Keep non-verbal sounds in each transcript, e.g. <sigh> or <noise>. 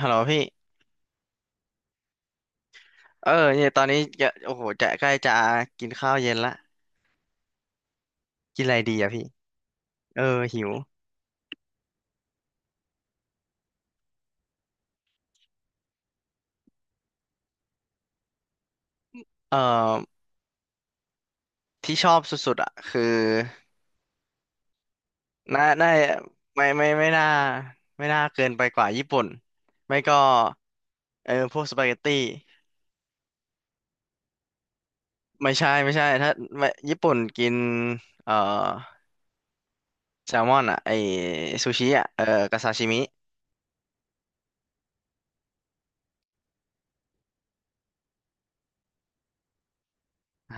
ฮัลโหลพี่เออเนี่ยตอนนี้จะโอ้โหจะใกล้จะกินข้าวเย็นละกินอะไรดีอะพี่เออหิวเออที่ชอบสุดๆอะคือน่าน่าไม่น่าไม่น่าเกินไปกว่าญี่ปุ่นไม่ก็เออพวกสปาเกตตี้ไม่ใช่ถ้าไม่ญี่ปุ่นกินเออแซลมอนอะไอซูชิอะเออกับซาชิมิอ่า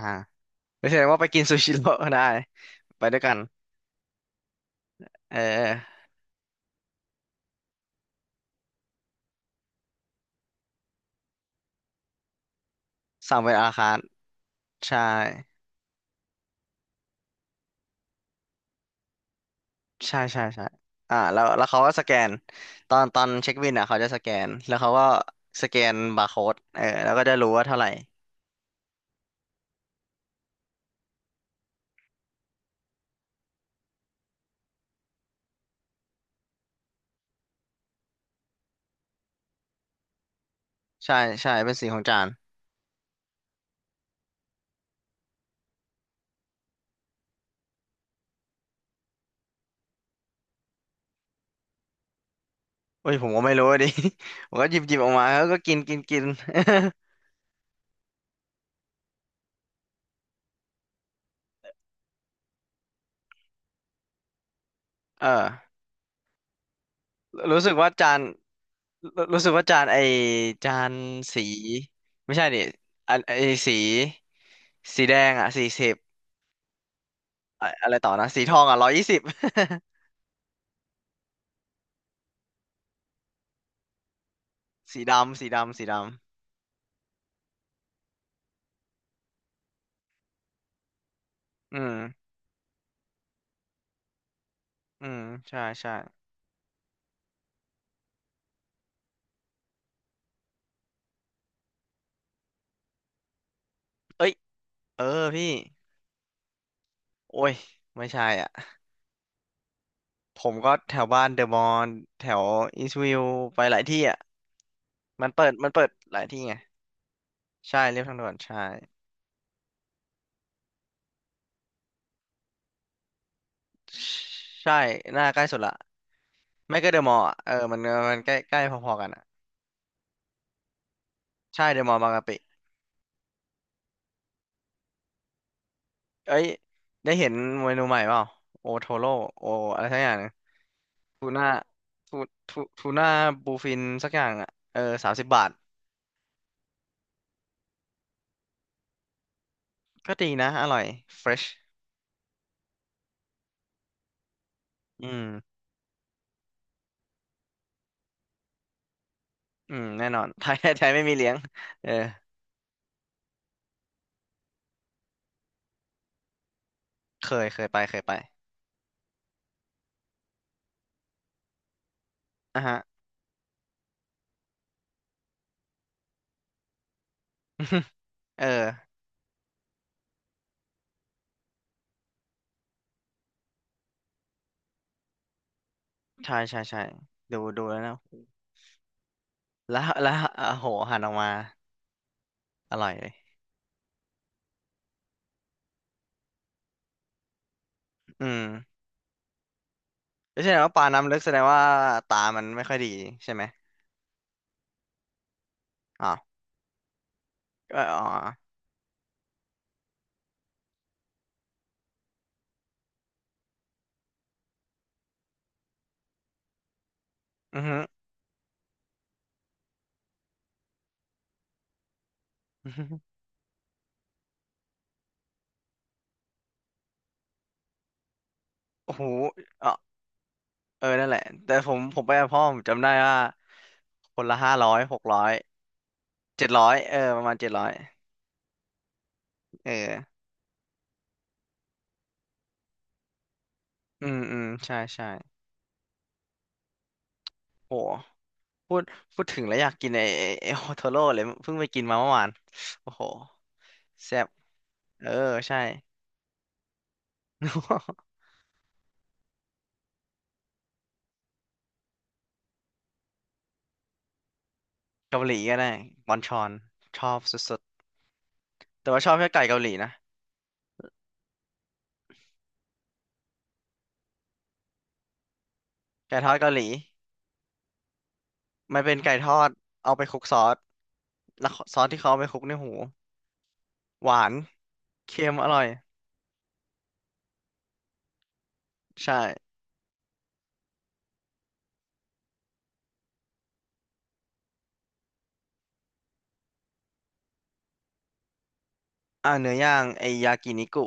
ไม่ใช่ว่าไปกินซูชิโร่ <laughs> ก็ได้ไปด้วยกันเออสั่งเป็นอาราคาร์ทใช่ ใช่ใช่ใช่อ่าแล้วเขาก็สแกนตอนเช็คบินอ่ะเขาจะสแกนแล้วเขาก็สแกนบาร์โค้ดเออแล้วก็จะรู้ว่าเท่าไหร่ใช่ใช่เป็นสีของจานเอ้ยผมก็ไม่รู้ <laughs> อะดิ <laughs> ผมก็หยิบออกมาแล้วก็กินกินกิน <laughs> เออรู้สึกว่าจานรู้สึกว่าจานไอจานสีไม่ใช่ดิอันไอสีสีแดงอ่ะ40อะไรต่อนะสีทองอ่ะ120 <laughs> สีดำสีดำสีดำอืมอืมใช่ใช่เอ้ย เออพี่โอ้ยไม่ใช่อ่ะผมก็แถวบ้านเดอะมอนแถวอีสต์วิวไปหลายที่อ่ะมันเปิดหลายที่ไงใช่เรียบทางด่วนใช่ใช่หน้าใกล้สุดละไม่ก็เดอะมอลล์อ่ะเออมันมันใกล้ใกล้พอๆกันอ่ะใช่เดอะมอลล์บางกะปิเอ้ยได้เห็นเมนูใหม่เปล่าโอโทโร่โออะไรสักอย่างหนึงทูน่าทูทูน่าบูฟินสักอย่างอ่ะเออ30 บาทก็ดีนะอร่อยเฟรชอืมอืมแน่นอน <laughs> ไทยไทยไม่มีเลี้ยงเออ เคยไปอ่ะฮะ <laughs> เออใช่ใช่ใช่ดูแล้วนะแล้วโอ้โหหันออกมาอร่อยเลยอืมก็แสดงว่าปลาน้ำลึกแสดงว่าตามันไม่ค่อยดีใช่ไหมอ๋อก็อ๋ออือฮึอือฮึ <laughs> โอ้โหอ๋อเออนั่นแหละแต่ผมผมไปกับพ่อผมจำได้ว่าคนละ500600เจ็ดร้อยเออประมาณเจ็ดร้อยเอออืมอืมใช่ใช่โอ้พูดพูดถึงแล้วอยากกินไอ้โอโทโร่เลยเพิ่งไปกินมาเมื่อวานโอ้โห แซ่บเออ ใช่ <laughs> เกาหลีก็ได้บอนชอน ชอบสุดๆ แต่ว่าชอบแค่ไก่เกาหลีนะไก่ทอดเกาหลีมันเป็นไก่ทอด เอาไปคลุกซอสแล้วซอสที่เขาเอาไปคลุกในหูหวาน เค็มอร่อยใช่ อ่าเนื้อย่าง ไอยากินิกุ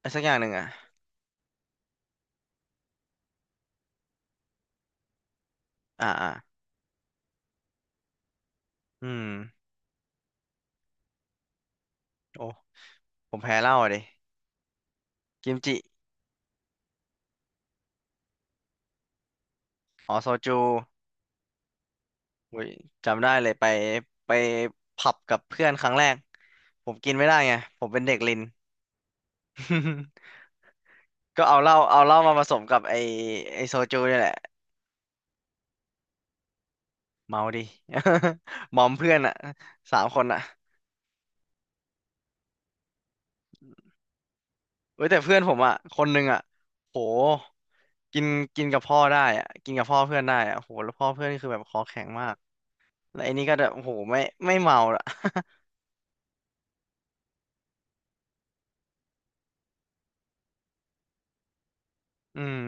ไอสักอย่างหนึ่งอ่ะอ่าอ่าอืมโอ้ผมแพ้เหล้าอะดิกิมจิอ๋อโซจูอุ้ยจำได้เลยไป ไปผับกับเพื่อนครั้งแรก ผมกินไม่ได้ไงผมเป็นเด็กลิน <laughs> ก็เอาเหล้ามาผสมกับไอไอโซจูนี่แหละเมาดิ <laughs> มอมเพื่อนอ่ะสามคนอ่ะเว้ยแต่เพื่อนผมอ่ะคนหนึ่งอ่ะโหกินกินกับพ่อได้อ่ะกินกับพ่อเพื่อนได้อ่ะโหแล้วพ่อเพื่อนนี่คือแบบคอแข็งมากแล้วไอ้นี่ก็แบบโหไม่เมาละ <laughs> อืม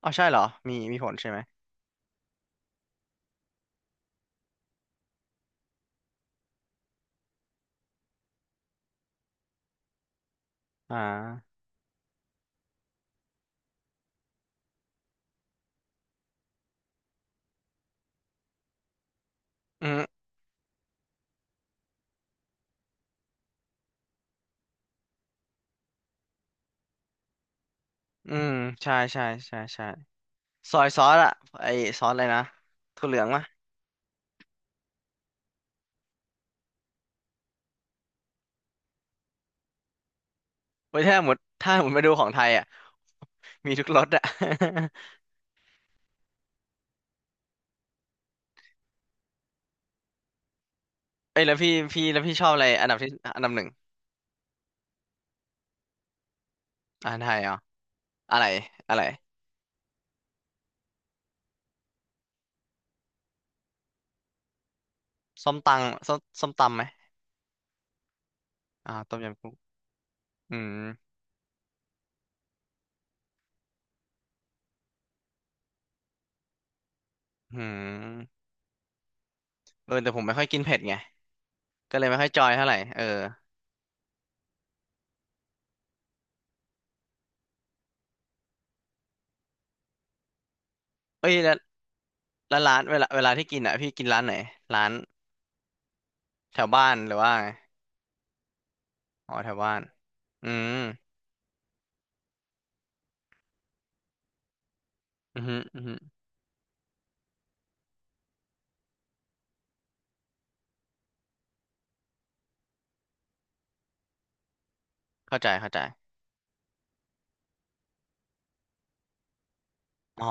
เอาใช่เหรอมีผลใช่ไหมอ่าอืมอืมใช่ใช่ใช่ใช่ซอยซอสอ่ะไอซอสอะไรนะถั่วเหลืองมะเว้ยถ้าหมดไปดูของไทยอ่ะ <laughs> มีทุกรสอ่ะ <laughs> เอ้ยแล้วพี่แล้วพี่ชอบอะไรอันดับที่อันดับหนึ่งอาหารไทยเหรออะไรอะไรส้มตังส้มส้มตำไหมอ่าต้มยำกุ้งอืมอืมเออแต่ผมไม่ค่อยกินเผ็ดไงก็เลยไม่ค่อยจอยเท่าไหร่เออเอ้ยแล้วร้านเวลาที่กินอ่ะพี่กินร้านไหนร้านแถวบ้านหรือว่าไงอ๋อแถวบ้านอืมอืมอฮึอือฮึเข้าใจเข้าใจอ๋อ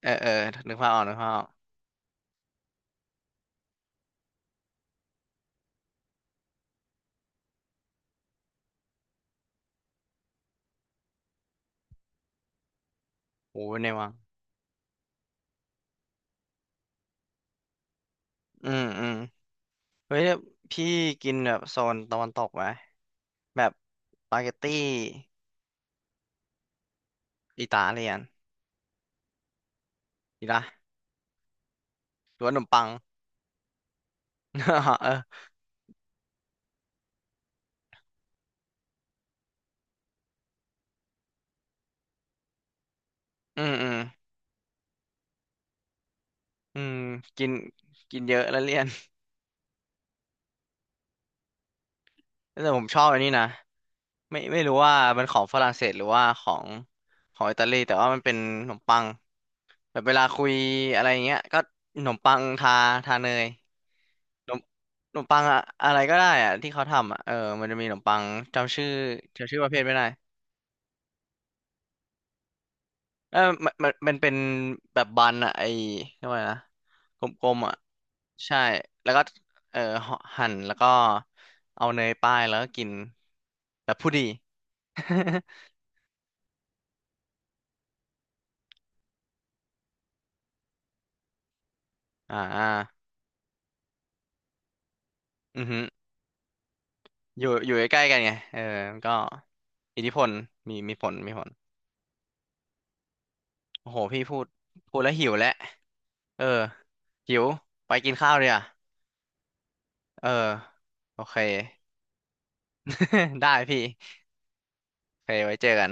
เออเออนึกภาพออกนึกภาพออกโอ้ยในวังอืมอืมเฮ้ยแล้วพี่กินแบบโซนตะวันตกไหมแบบสปาเกตตี้ อิตาเลียนอีกละหรือว่าขนมปัง <laughs> เอออืมอืมอืมกินกินเยอะแล้วเลียนแต่ผมชอบอันนี้นะไม่รู้ว่ามันของฝรั่งเศสหรือว่าของของอิตาลีแต่ว่ามันเป็นขนมปังแบบเวลาคุยอะไรอย่างเงี้ยก็ขนมปังทาเนยขนมขนมปังอะอะไรก็ได้อะที่เขาทำอะเออมันจะมีขนมปังจำชื่อจำชื่อประเภทไม่ได้ เออมันมันมันเป็นแบบบันอะไอเรียกว่าไงนะกลมๆอะใช่แล้วก็เออห่อหั่นแล้วก็เอาเนยป้ายแล้วก็กินแบบผู้ดี <laughs> อ่าอือฮึออยู่อยู่ใกล้ๆกันไงเออมันก็อิทธิพลมีผลมีผลโอ้โหพี่พูดพูดแล้วหิวแล้วเออหิวไปกินข้าวเลยอ่ะเออโอเค <laughs> ได้พี่โอเคไว้เจอกัน